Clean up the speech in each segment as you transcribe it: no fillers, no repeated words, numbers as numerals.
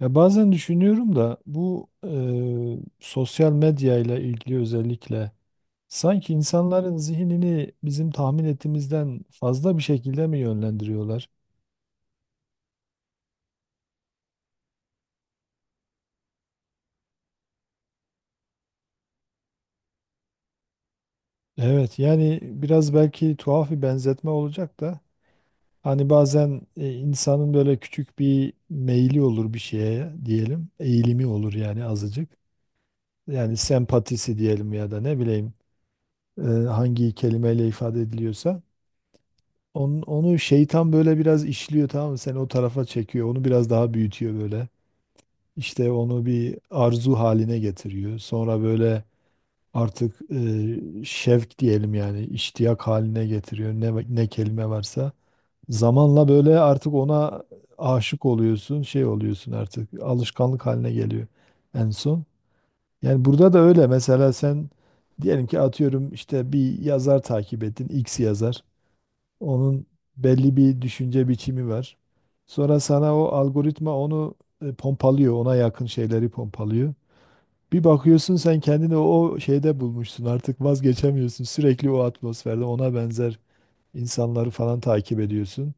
Ya bazen düşünüyorum da bu sosyal medya ile ilgili özellikle sanki insanların zihnini bizim tahmin ettiğimizden fazla bir şekilde mi yönlendiriyorlar? Evet yani biraz belki tuhaf bir benzetme olacak da hani bazen insanın böyle küçük bir meyli olur bir şeye diyelim eğilimi olur yani azıcık yani sempatisi diyelim ya da ne bileyim hangi kelimeyle ifade ediliyorsa. Onu, onu şeytan böyle biraz işliyor, tamam mı? Seni o tarafa çekiyor. Onu biraz daha büyütüyor böyle. İşte onu bir arzu haline getiriyor. Sonra böyle artık şevk diyelim yani iştiyak haline getiriyor. Ne, ne kelime varsa. Zamanla böyle artık ona aşık oluyorsun, şey oluyorsun artık. Alışkanlık haline geliyor en son. Yani burada da öyle. Mesela sen diyelim ki atıyorum işte bir yazar takip ettin, X yazar. Onun belli bir düşünce biçimi var. Sonra sana o algoritma onu pompalıyor, ona yakın şeyleri pompalıyor. Bir bakıyorsun sen kendini o şeyde bulmuşsun. Artık vazgeçemiyorsun. Sürekli o atmosferde ona benzer insanları falan takip ediyorsun.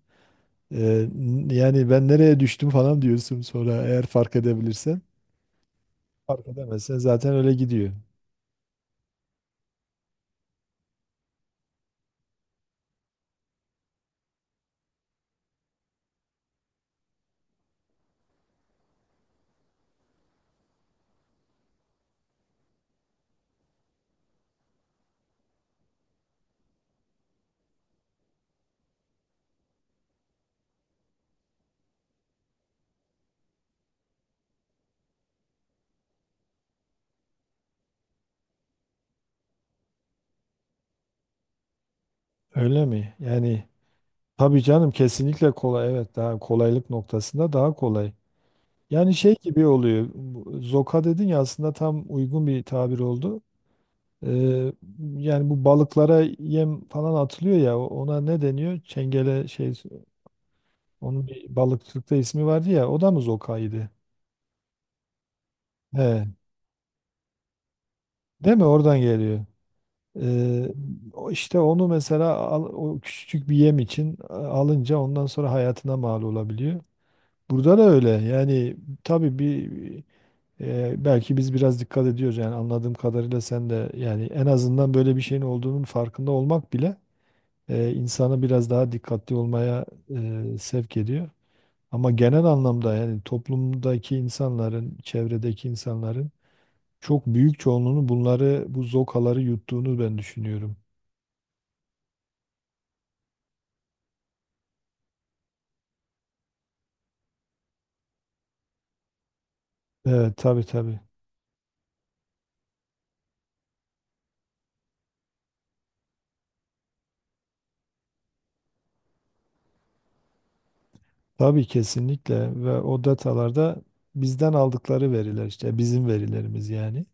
Yani ben nereye düştüm falan diyorsun sonra eğer fark edebilirsen. Fark edemezsen zaten öyle gidiyor. Öyle mi? Yani tabii canım kesinlikle kolay. Evet, daha kolaylık noktasında daha kolay. Yani şey gibi oluyor. Zoka dedin ya, aslında tam uygun bir tabir oldu. Ee, Yani bu balıklara yem falan atılıyor ya, ona ne deniyor? Çengele şey, onun bir balıkçılıkta ismi vardı ya, o da mı zokaydı? He, değil mi? Oradan geliyor. Ee, O işte onu mesela o küçücük bir yem için alınca ondan sonra hayatına mal olabiliyor. Burada da öyle. Yani tabii bir belki biz biraz dikkat ediyoruz yani anladığım kadarıyla sen de, yani en azından böyle bir şeyin olduğunun farkında olmak bile insanı biraz daha dikkatli olmaya sevk ediyor. Ama genel anlamda yani toplumdaki insanların, çevredeki insanların çok büyük çoğunluğunun bunları, bu zokaları yuttuğunu ben düşünüyorum. Evet, tabii. Tabii kesinlikle, ve o datalarda bizden aldıkları veriler işte bizim verilerimiz yani.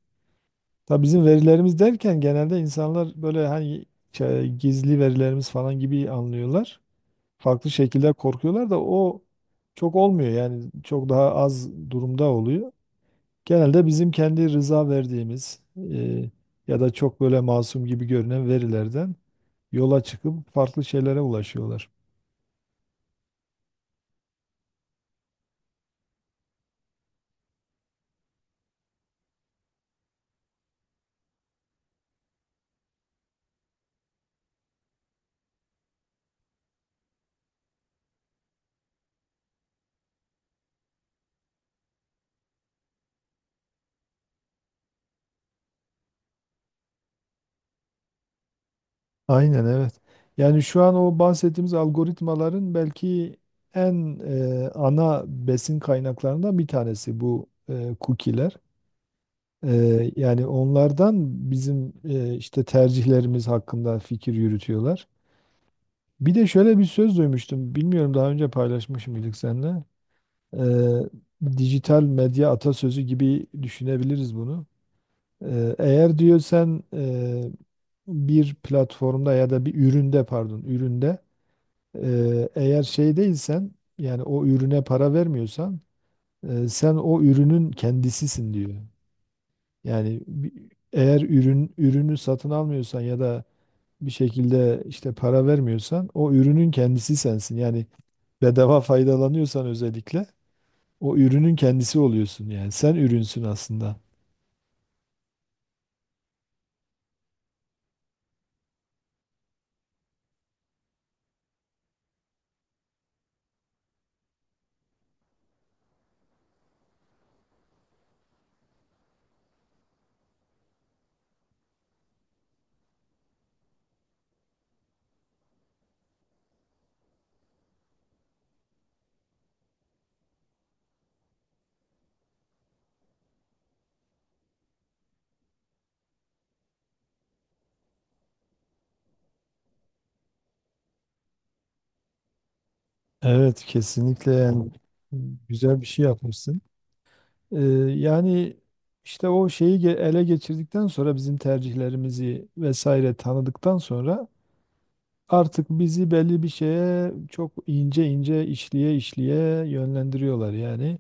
Tabii bizim verilerimiz derken genelde insanlar böyle hani şey, gizli verilerimiz falan gibi anlıyorlar. Farklı şekilde korkuyorlar da o çok olmuyor yani, çok daha az durumda oluyor. Genelde bizim kendi rıza verdiğimiz e, ya da çok böyle masum gibi görünen verilerden yola çıkıp farklı şeylere ulaşıyorlar. Aynen evet. Yani şu an o bahsettiğimiz algoritmaların belki en ana besin kaynaklarından bir tanesi bu cookie'ler. Yani onlardan bizim işte tercihlerimiz hakkında fikir yürütüyorlar. Bir de şöyle bir söz duymuştum. Bilmiyorum, daha önce paylaşmış mıydık seninle? Eee, Dijital medya atasözü gibi düşünebiliriz bunu. Eğer diyor sen bir platformda ya da bir üründe, pardon üründe eğer şey değilsen, yani o ürüne para vermiyorsan, sen o ürünün kendisisin diyor. Yani eğer ürün ürünü satın almıyorsan ya da bir şekilde işte para vermiyorsan, o ürünün kendisi sensin. Yani bedava faydalanıyorsan özellikle o ürünün kendisi oluyorsun yani. Sen ürünsün aslında. Evet, kesinlikle yani, güzel bir şey yapmışsın. Ee, Yani işte o şeyi ele geçirdikten sonra bizim tercihlerimizi vesaire tanıdıktan sonra artık bizi belli bir şeye çok ince ince işliye işliye yönlendiriyorlar yani.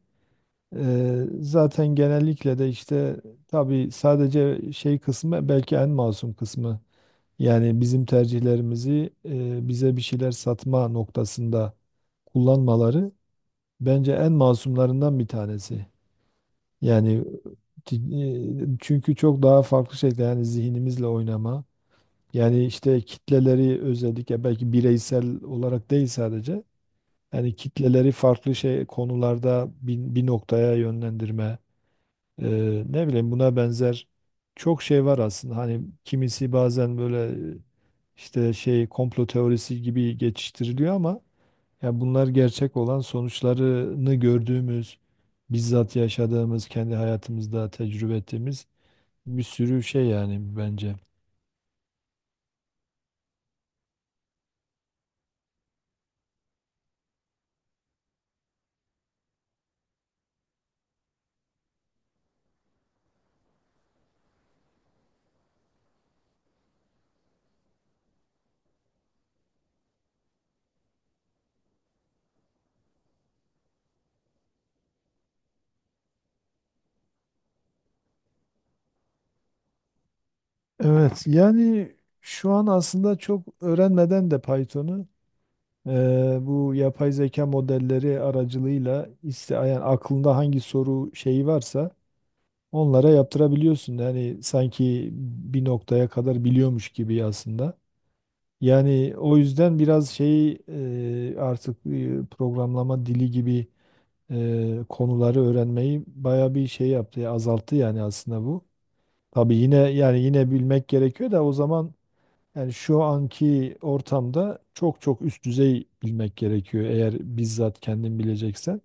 Zaten genellikle de işte tabii sadece şey kısmı belki en masum kısmı. Yani bizim tercihlerimizi bize bir şeyler satma noktasında kullanmaları bence en masumlarından bir tanesi. Yani çünkü çok daha farklı şeyler yani, zihnimizle oynama. Yani işte kitleleri özellikle, belki bireysel olarak değil sadece. Yani kitleleri farklı şey konularda bir, bir noktaya yönlendirme. Ne bileyim, buna benzer çok şey var aslında. Hani kimisi bazen böyle işte şey, komplo teorisi gibi geçiştiriliyor ama ya, bunlar gerçek olan, sonuçlarını gördüğümüz, bizzat yaşadığımız, kendi hayatımızda tecrübe ettiğimiz bir sürü şey yani bence. Evet, yani şu an aslında çok öğrenmeden de Python'u bu yapay zeka modelleri aracılığıyla iste, yani aklında hangi soru şeyi varsa onlara yaptırabiliyorsun. Yani sanki bir noktaya kadar biliyormuş gibi aslında. Yani o yüzden biraz şeyi artık programlama dili gibi konuları öğrenmeyi baya bir şey yaptı, azalttı yani aslında bu. Tabii yine yani, yine bilmek gerekiyor da o zaman, yani şu anki ortamda çok çok üst düzey bilmek gerekiyor eğer bizzat kendin bileceksen.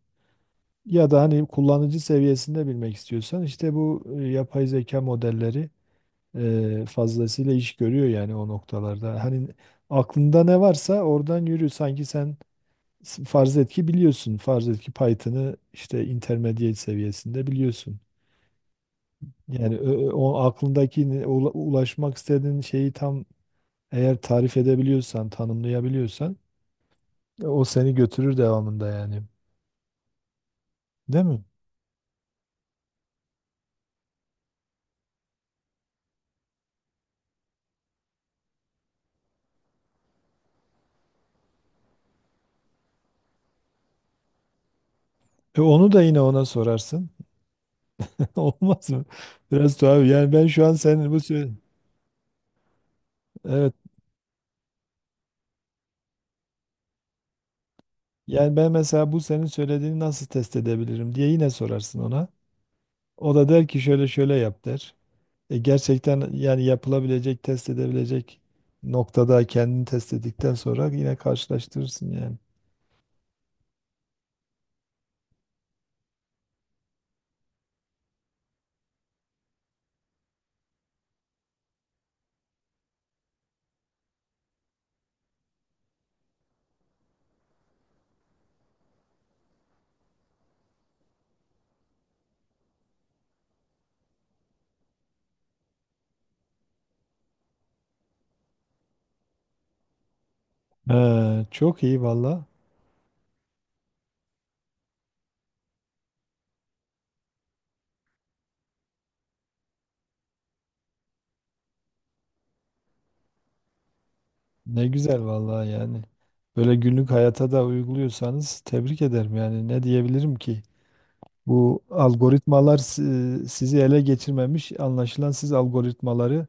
Ya da hani kullanıcı seviyesinde bilmek istiyorsan işte bu yapay zeka modelleri fazlasıyla iş görüyor yani o noktalarda. Hani aklında ne varsa oradan yürü. Sanki sen farz et ki biliyorsun. Farz et ki Python'ı işte intermediate seviyesinde biliyorsun. Yani o aklındaki ulaşmak istediğin şeyi tam, eğer tarif edebiliyorsan, tanımlayabiliyorsan, o seni götürür devamında yani. Değil mi? E, onu da yine ona sorarsın. Olmaz mı? Biraz tuhaf. Yani ben şu an senin bu Evet. Yani ben mesela bu senin söylediğini nasıl test edebilirim diye yine sorarsın ona. O da der ki şöyle şöyle yap der. E, gerçekten yani, yapılabilecek, test edebilecek noktada kendini test ettikten sonra yine karşılaştırırsın yani. Çok iyi valla. Ne güzel valla yani. Böyle günlük hayata da uyguluyorsanız, tebrik ederim yani. Ne diyebilirim ki? Bu algoritmalar sizi ele geçirmemiş. Anlaşılan siz algoritmaları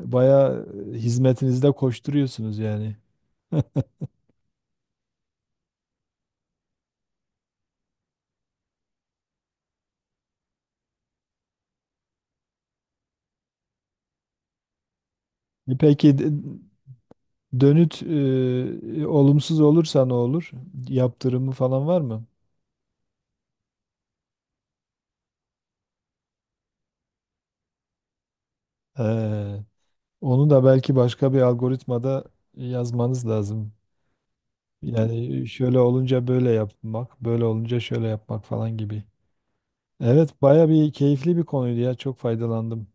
bayağı hizmetinizde koşturuyorsunuz yani. E, peki dönüt olumsuz olursa ne olur? Yaptırımı falan var mı? Ee, Onu da belki başka bir algoritmada yazmanız lazım. Yani şöyle olunca böyle yapmak, böyle olunca şöyle yapmak falan gibi. Evet, baya bir keyifli bir konuydu ya. Çok faydalandım.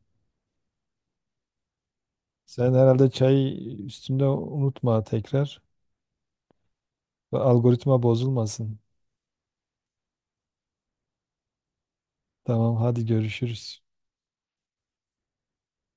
Sen herhalde çay üstünde, unutma tekrar. Algoritma bozulmasın. Tamam, hadi görüşürüz.